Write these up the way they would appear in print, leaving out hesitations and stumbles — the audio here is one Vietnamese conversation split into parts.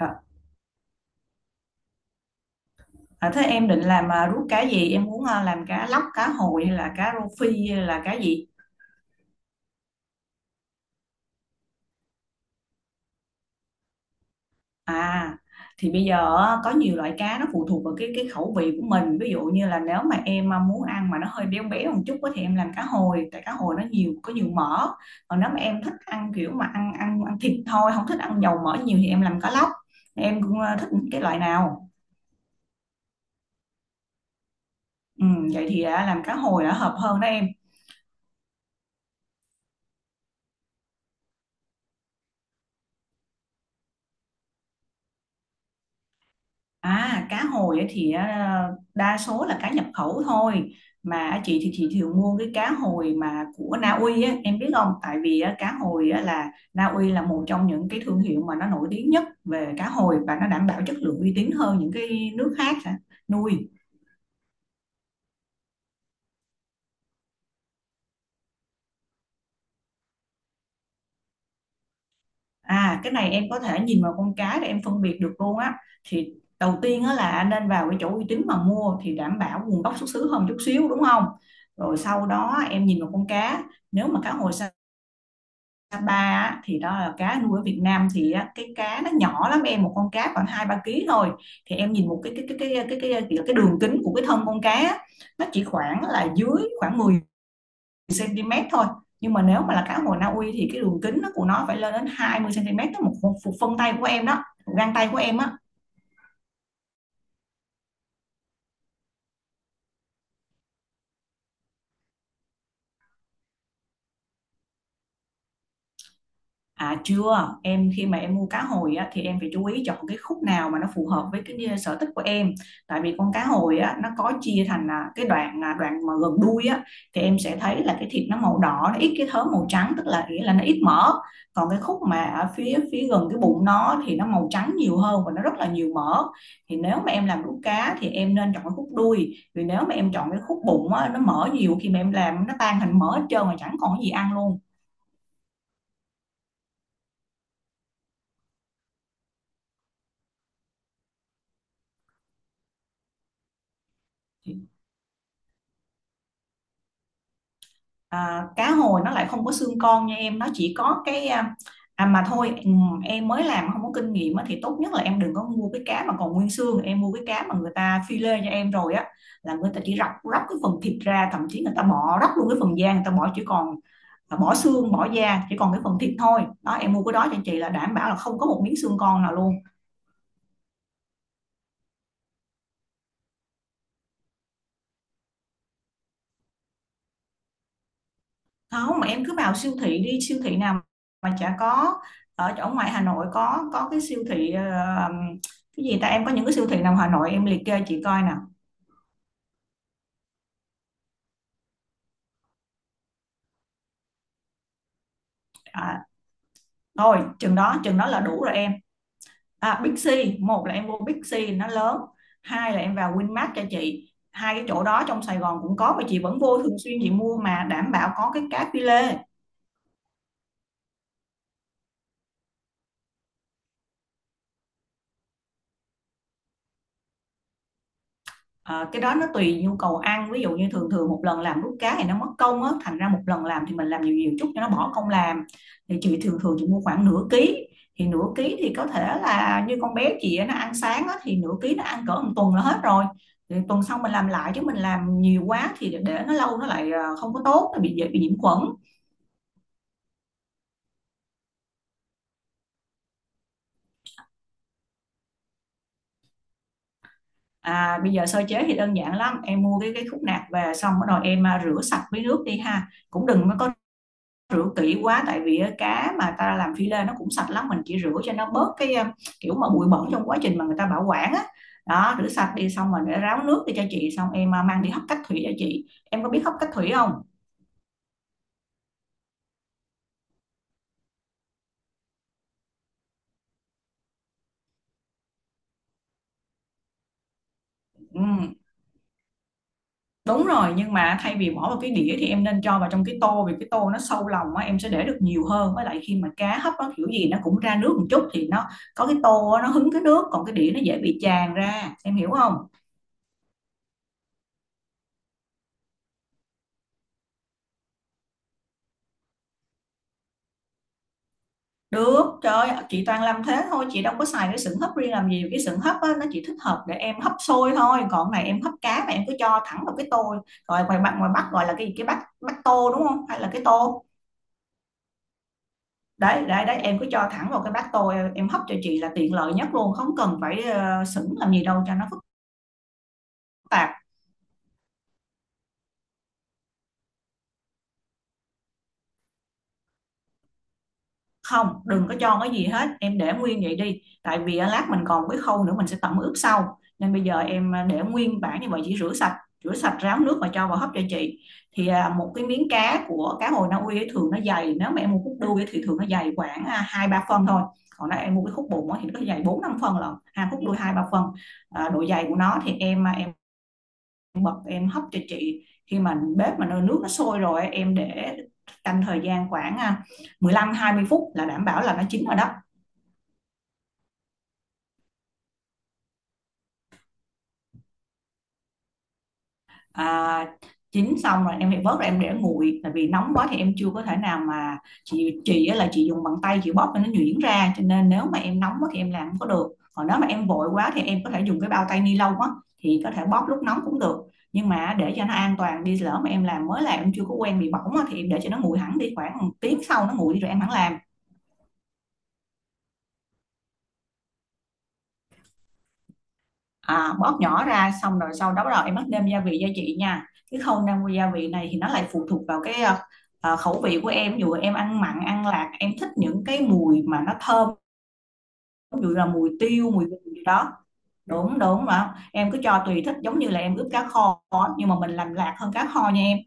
Dạ. Thế em định làm rút cá gì? Em muốn làm cá lóc, cá hồi hay là cá rô phi hay là cá gì? À thì bây giờ á, có nhiều loại cá, nó phụ thuộc vào cái khẩu vị của mình. Ví dụ như là nếu mà em muốn ăn mà nó hơi béo béo một chút á, thì em làm cá hồi, tại cá hồi nó có nhiều mỡ. Còn nếu mà em thích ăn kiểu mà ăn ăn ăn thịt thôi, không thích ăn dầu mỡ nhiều thì em làm cá lóc. Em cũng thích cái loại nào? Ừ, vậy thì làm cá hồi đã hợp hơn đó em. À, cá hồi á thì đa số là cá nhập khẩu thôi, mà chị thì chị thường mua cái cá hồi mà của Na Uy á, em biết không? Tại vì á, cá hồi á, là Na Uy là một trong những cái thương hiệu mà nó nổi tiếng nhất về cá hồi và nó đảm bảo chất lượng uy tín hơn những cái nước khác hả? Nuôi. À, cái này em có thể nhìn vào con cá để em phân biệt được luôn á. Thì đầu tiên á, là nên vào cái chỗ uy tín mà mua thì đảm bảo nguồn gốc xuất xứ hơn chút xíu, đúng không? Rồi sau đó em nhìn vào con cá, nếu mà cá hồi Sapa á, thì đó là cá nuôi ở Việt Nam thì á, cái cá nó nhỏ lắm em, một con cá khoảng hai ba ký thôi, thì em nhìn một cái đường kính của cái thân con cá á, nó chỉ khoảng là dưới khoảng 10 cm thôi, nhưng mà nếu mà là cá hồi Na Uy thì cái đường kính của nó phải lên đến 20 cm đó, một phân tay của em đó, một gang tay của em á. À chưa, em khi mà em mua cá hồi á, thì em phải chú ý chọn cái khúc nào mà nó phù hợp với cái sở thích của em. Tại vì con cá hồi á, nó có chia thành cái đoạn đoạn mà gần đuôi á, thì em sẽ thấy là cái thịt nó màu đỏ, nó ít cái thớ màu trắng, tức là nghĩa là nó ít mỡ. Còn cái khúc mà ở phía phía gần cái bụng nó thì nó màu trắng nhiều hơn và nó rất là nhiều mỡ. Thì nếu mà em làm đũa cá thì em nên chọn cái khúc đuôi. Vì nếu mà em chọn cái khúc bụng á, nó mỡ nhiều, khi mà em làm nó tan thành mỡ hết trơn mà chẳng còn cái gì ăn luôn. À, cá hồi nó lại không có xương con nha em, nó chỉ có cái à mà thôi, em mới làm không có kinh nghiệm á, thì tốt nhất là em đừng có mua cái cá mà còn nguyên xương, em mua cái cá mà người ta phi lê cho em rồi á, là người ta chỉ róc róc cái phần thịt ra, thậm chí người ta bỏ róc luôn cái phần da người ta bỏ, chỉ còn bỏ xương bỏ da chỉ còn cái phần thịt thôi đó. Em mua cái đó cho chị là đảm bảo là không có một miếng xương con nào luôn. Không, mà em cứ vào siêu thị đi, siêu thị nào mà chả có. Ở chỗ ngoài Hà Nội có cái siêu thị cái gì ta, em có những cái siêu thị nào Hà Nội em liệt kê chị coi nào. À, thôi chừng đó là đủ rồi em. À, Big C, một là em mua Big C nó lớn, hai là em vào Winmart cho chị. Hai cái chỗ đó trong Sài Gòn cũng có mà chị vẫn vô thường xuyên, chị mua mà đảm bảo có cái cá phi lê. Ờ, cái đó nó tùy nhu cầu ăn, ví dụ như thường thường một lần làm đút cá thì nó mất công á, thành ra một lần làm thì mình làm nhiều nhiều chút cho nó bỏ công làm. Thì chị thường thường chị mua khoảng nửa ký, thì nửa ký thì có thể là như con bé chị á, nó ăn sáng á, thì nửa ký nó ăn cỡ một tuần là hết rồi. Thì tuần sau mình làm lại, chứ mình làm nhiều quá thì để nó lâu nó lại không có tốt, nó bị dễ bị nhiễm khuẩn. À bây giờ sơ chế thì đơn giản lắm, em mua cái khúc nạc về xong bắt đầu em rửa sạch với nước đi ha, cũng đừng có rửa kỹ quá tại vì cá mà ta làm phi lê nó cũng sạch lắm, mình chỉ rửa cho nó bớt cái kiểu mà bụi bẩn trong quá trình mà người ta bảo quản á. Đó, rửa sạch đi xong rồi để ráo nước đi cho chị, xong em mang đi hấp cách thủy cho chị. Em có biết hấp cách thủy không? Ừ, đúng rồi, nhưng mà thay vì bỏ vào cái đĩa thì em nên cho vào trong cái tô, vì cái tô nó sâu lòng á, em sẽ để được nhiều hơn, với lại khi mà cá hấp nó kiểu gì nó cũng ra nước một chút, thì nó có cái tô á, nó hứng cái nước, còn cái đĩa nó dễ bị tràn ra, em hiểu không? Được, trời ơi, chị toàn làm thế thôi, chị đâu có xài cái sừng hấp riêng làm gì, cái sừng hấp á, nó chỉ thích hợp để em hấp xôi thôi, còn cái này em hấp cá mà em cứ cho thẳng vào cái tô, rồi ngoài bạn ngoài Bắc gọi là cái gì, cái bát bát tô đúng không, hay là cái tô, đấy, đấy, đấy, em cứ cho thẳng vào cái bát tô, em hấp cho chị là tiện lợi nhất luôn, không cần phải sửng làm gì đâu cho nó phức tạp. Không, đừng có cho cái gì hết, em để nguyên vậy đi, tại vì lát mình còn cái khâu nữa mình sẽ tẩm ướp sau, nên bây giờ em để nguyên bản như vậy, chỉ rửa sạch ráo nước và cho vào hấp cho chị. Thì một cái miếng cá của cá hồi Na Uy ấy, thường nó dày, nếu mà em mua khúc đuôi ấy, thì thường nó dày khoảng hai ba phân thôi, còn nếu em mua cái khúc bụng ấy, thì nó dày bốn năm phân lận, hai khúc đuôi hai ba phân. À, độ dày của nó thì em bật em hấp cho chị. Khi mà bếp mà nồi nước nó sôi rồi em để canh thời gian khoảng 15 20 phút là đảm bảo là nó chín rồi đó. À, chín xong rồi em phải vớt ra em để nguội, tại vì nóng quá thì em chưa có thể nào mà chị là chị dùng bàn tay chị bóp cho nó nhuyễn ra, cho nên nếu mà em nóng quá thì em làm không có được. Còn nếu mà em vội quá thì em có thể dùng cái bao tay ni lông á, thì có thể bóp lúc nóng cũng được, nhưng mà để cho nó an toàn đi, lỡ mà em mới làm em chưa có quen bị bỏng á, thì em để cho nó nguội hẳn đi, khoảng một tiếng sau nó nguội đi rồi em hẳn làm. À, bóp nhỏ ra xong rồi sau đó bắt đầu em bắt nêm gia vị cho chị nha. Cái khâu nêm gia vị này thì nó lại phụ thuộc vào cái khẩu vị của em, ví dụ em ăn mặn ăn lạc em thích những cái mùi mà nó thơm, ví dụ là mùi tiêu mùi gừng gì đó. Ừ. Đúng đúng, mà em cứ cho tùy thích, giống như là em ướp cá kho á, nhưng mà mình làm lạc hơn cá kho nha em.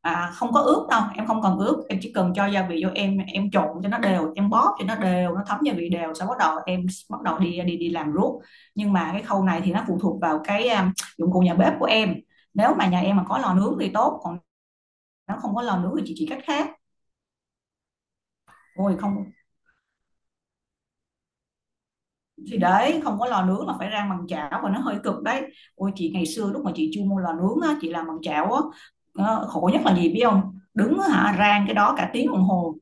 Không có ướp đâu em, không cần ướp, em chỉ cần cho gia vị vô, em trộn cho nó đều, em bóp cho nó đều, nó thấm gia vị đều, sau bắt đầu em bắt đầu đi đi đi làm ruốc. Nhưng mà cái khâu này thì nó phụ thuộc vào dụng cụ nhà bếp của em. Nếu mà nhà em mà có lò nướng thì tốt, còn nếu không có lò nướng thì chị chỉ cách khác. Ôi không, thì đấy, không có lò nướng là phải rang bằng chảo và nó hơi cực đấy. Ôi chị ngày xưa lúc mà chị chưa mua lò nướng á, chị làm bằng chảo á, khổ nhất là gì biết không, đứng á hả, rang cái đó cả tiếng đồng hồ.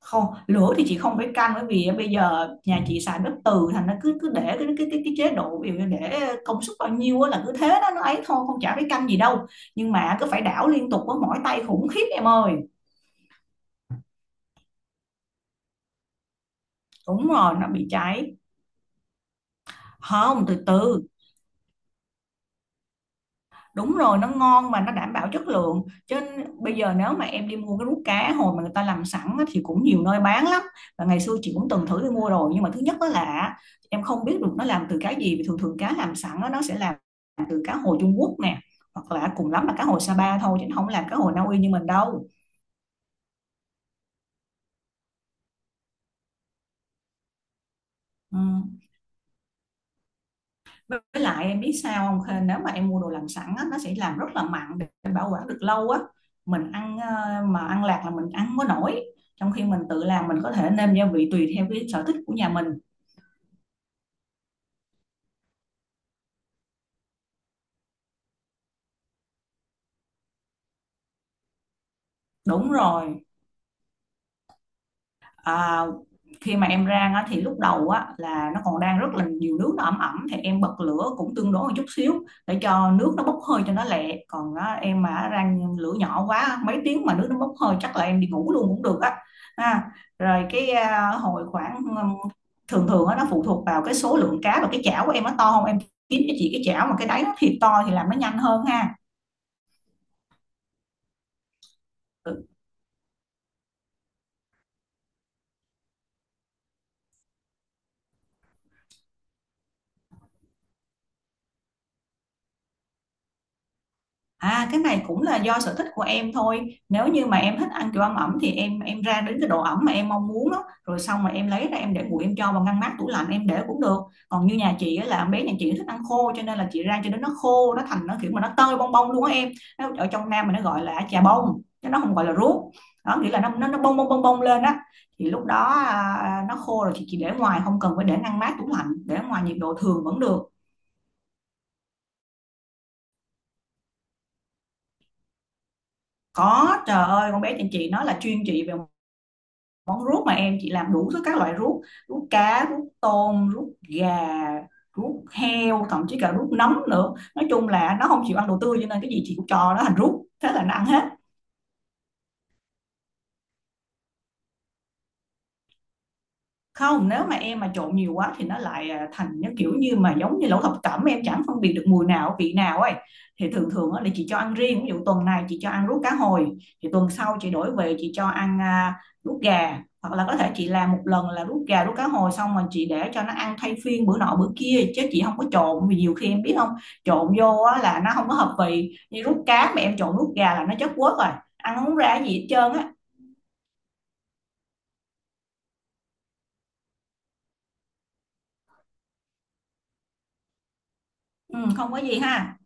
Không, lửa thì chị không phải canh, bởi vì bây giờ nhà chị xài bếp từ, thành nó cứ cứ để cái chế độ, ví dụ như để công suất bao nhiêu á là cứ thế đó nó ấy thôi, không chả phải canh gì đâu. Nhưng mà cứ phải đảo liên tục, với mỏi tay khủng khiếp em ơi. Đúng rồi, nó bị cháy. Không, từ từ. Đúng rồi, nó ngon mà nó đảm bảo chất lượng. Chứ bây giờ nếu mà em đi mua cái rút cá hồi mà người ta làm sẵn á, thì cũng nhiều nơi bán lắm. Và ngày xưa chị cũng từng thử đi mua rồi, nhưng mà thứ nhất đó là em không biết được nó làm từ cá gì, vì thường thường cá làm sẵn á, nó sẽ làm từ cá hồi Trung Quốc nè, hoặc là cùng lắm là cá hồi Sapa thôi, chứ nó không làm cá hồi Na Uy như mình đâu. Ừ, với lại em biết sao không Khê? Nếu mà em mua đồ làm sẵn á, nó sẽ làm rất là mặn để bảo quản được lâu á, mình ăn mà ăn lạc là mình ăn không có nổi, trong khi mình tự làm mình có thể nêm gia vị tùy theo cái sở thích của nhà mình. Đúng rồi. à, Khi mà em rang á, thì lúc đầu á, là nó còn đang rất là nhiều nước, nó ẩm ẩm, thì em bật lửa cũng tương đối một chút xíu, để cho nước nó bốc hơi cho nó lẹ. Còn á, em mà rang lửa nhỏ quá mấy tiếng mà nước nó bốc hơi, chắc là em đi ngủ luôn cũng được á. Ha, rồi cái à, hồi khoảng thường thường á, nó phụ thuộc vào cái số lượng cá và cái chảo của em nó to không em, kiếm cho chị cái chảo mà cái đáy nó thiệt to thì làm nó nhanh hơn ha. Ừ. À, cái này cũng là do sở thích của em thôi. Nếu như mà em thích ăn kiểu ăn ẩm thì em ra đến cái độ ẩm mà em mong muốn đó, rồi xong mà em lấy ra em để nguội, em cho vào ngăn mát tủ lạnh em để cũng được. Còn như nhà chị á, là bé nhà chị thích ăn khô, cho nên là chị rang cho đến nó khô, nó thành nó kiểu mà nó tơi bong bong luôn á em. Nó, ở trong Nam mình nó gọi là chà bông, chứ nó không gọi là ruốc. Đó, nghĩa là nó bong bong bong bong lên á. Thì lúc đó nó khô rồi, chị chỉ để ngoài, không cần phải để ngăn mát tủ lạnh, để ngoài nhiệt độ thường vẫn được. Có, trời ơi, con bé nhà chị nó là chuyên về món ruốc mà em, chị làm đủ thứ các loại ruốc, ruốc cá, ruốc tôm, ruốc gà, ruốc heo, thậm chí cả ruốc nấm nữa. Nói chung là nó không chịu ăn đồ tươi, cho nên cái gì chị cũng cho nó thành ruốc, thế là nó ăn hết. Không, nếu mà em mà trộn nhiều quá thì nó lại thành nó kiểu như mà giống như lẩu thập cẩm, em chẳng phân biệt được mùi nào vị nào ấy. Thì thường thường á, là chị cho ăn riêng, ví dụ tuần này chị cho ăn ruốc cá hồi, thì tuần sau chị đổi về chị cho ăn ruốc gà, hoặc là có thể chị làm một lần là ruốc gà, ruốc cá hồi, xong rồi chị để cho nó ăn thay phiên bữa nọ bữa kia, chứ chị không có trộn. Vì nhiều khi em biết không, trộn vô á, là nó không có hợp vị, như ruốc cá mà em trộn ruốc gà là nó chất quất rồi, ăn không ra gì hết trơn á. Ừ, không có gì ha.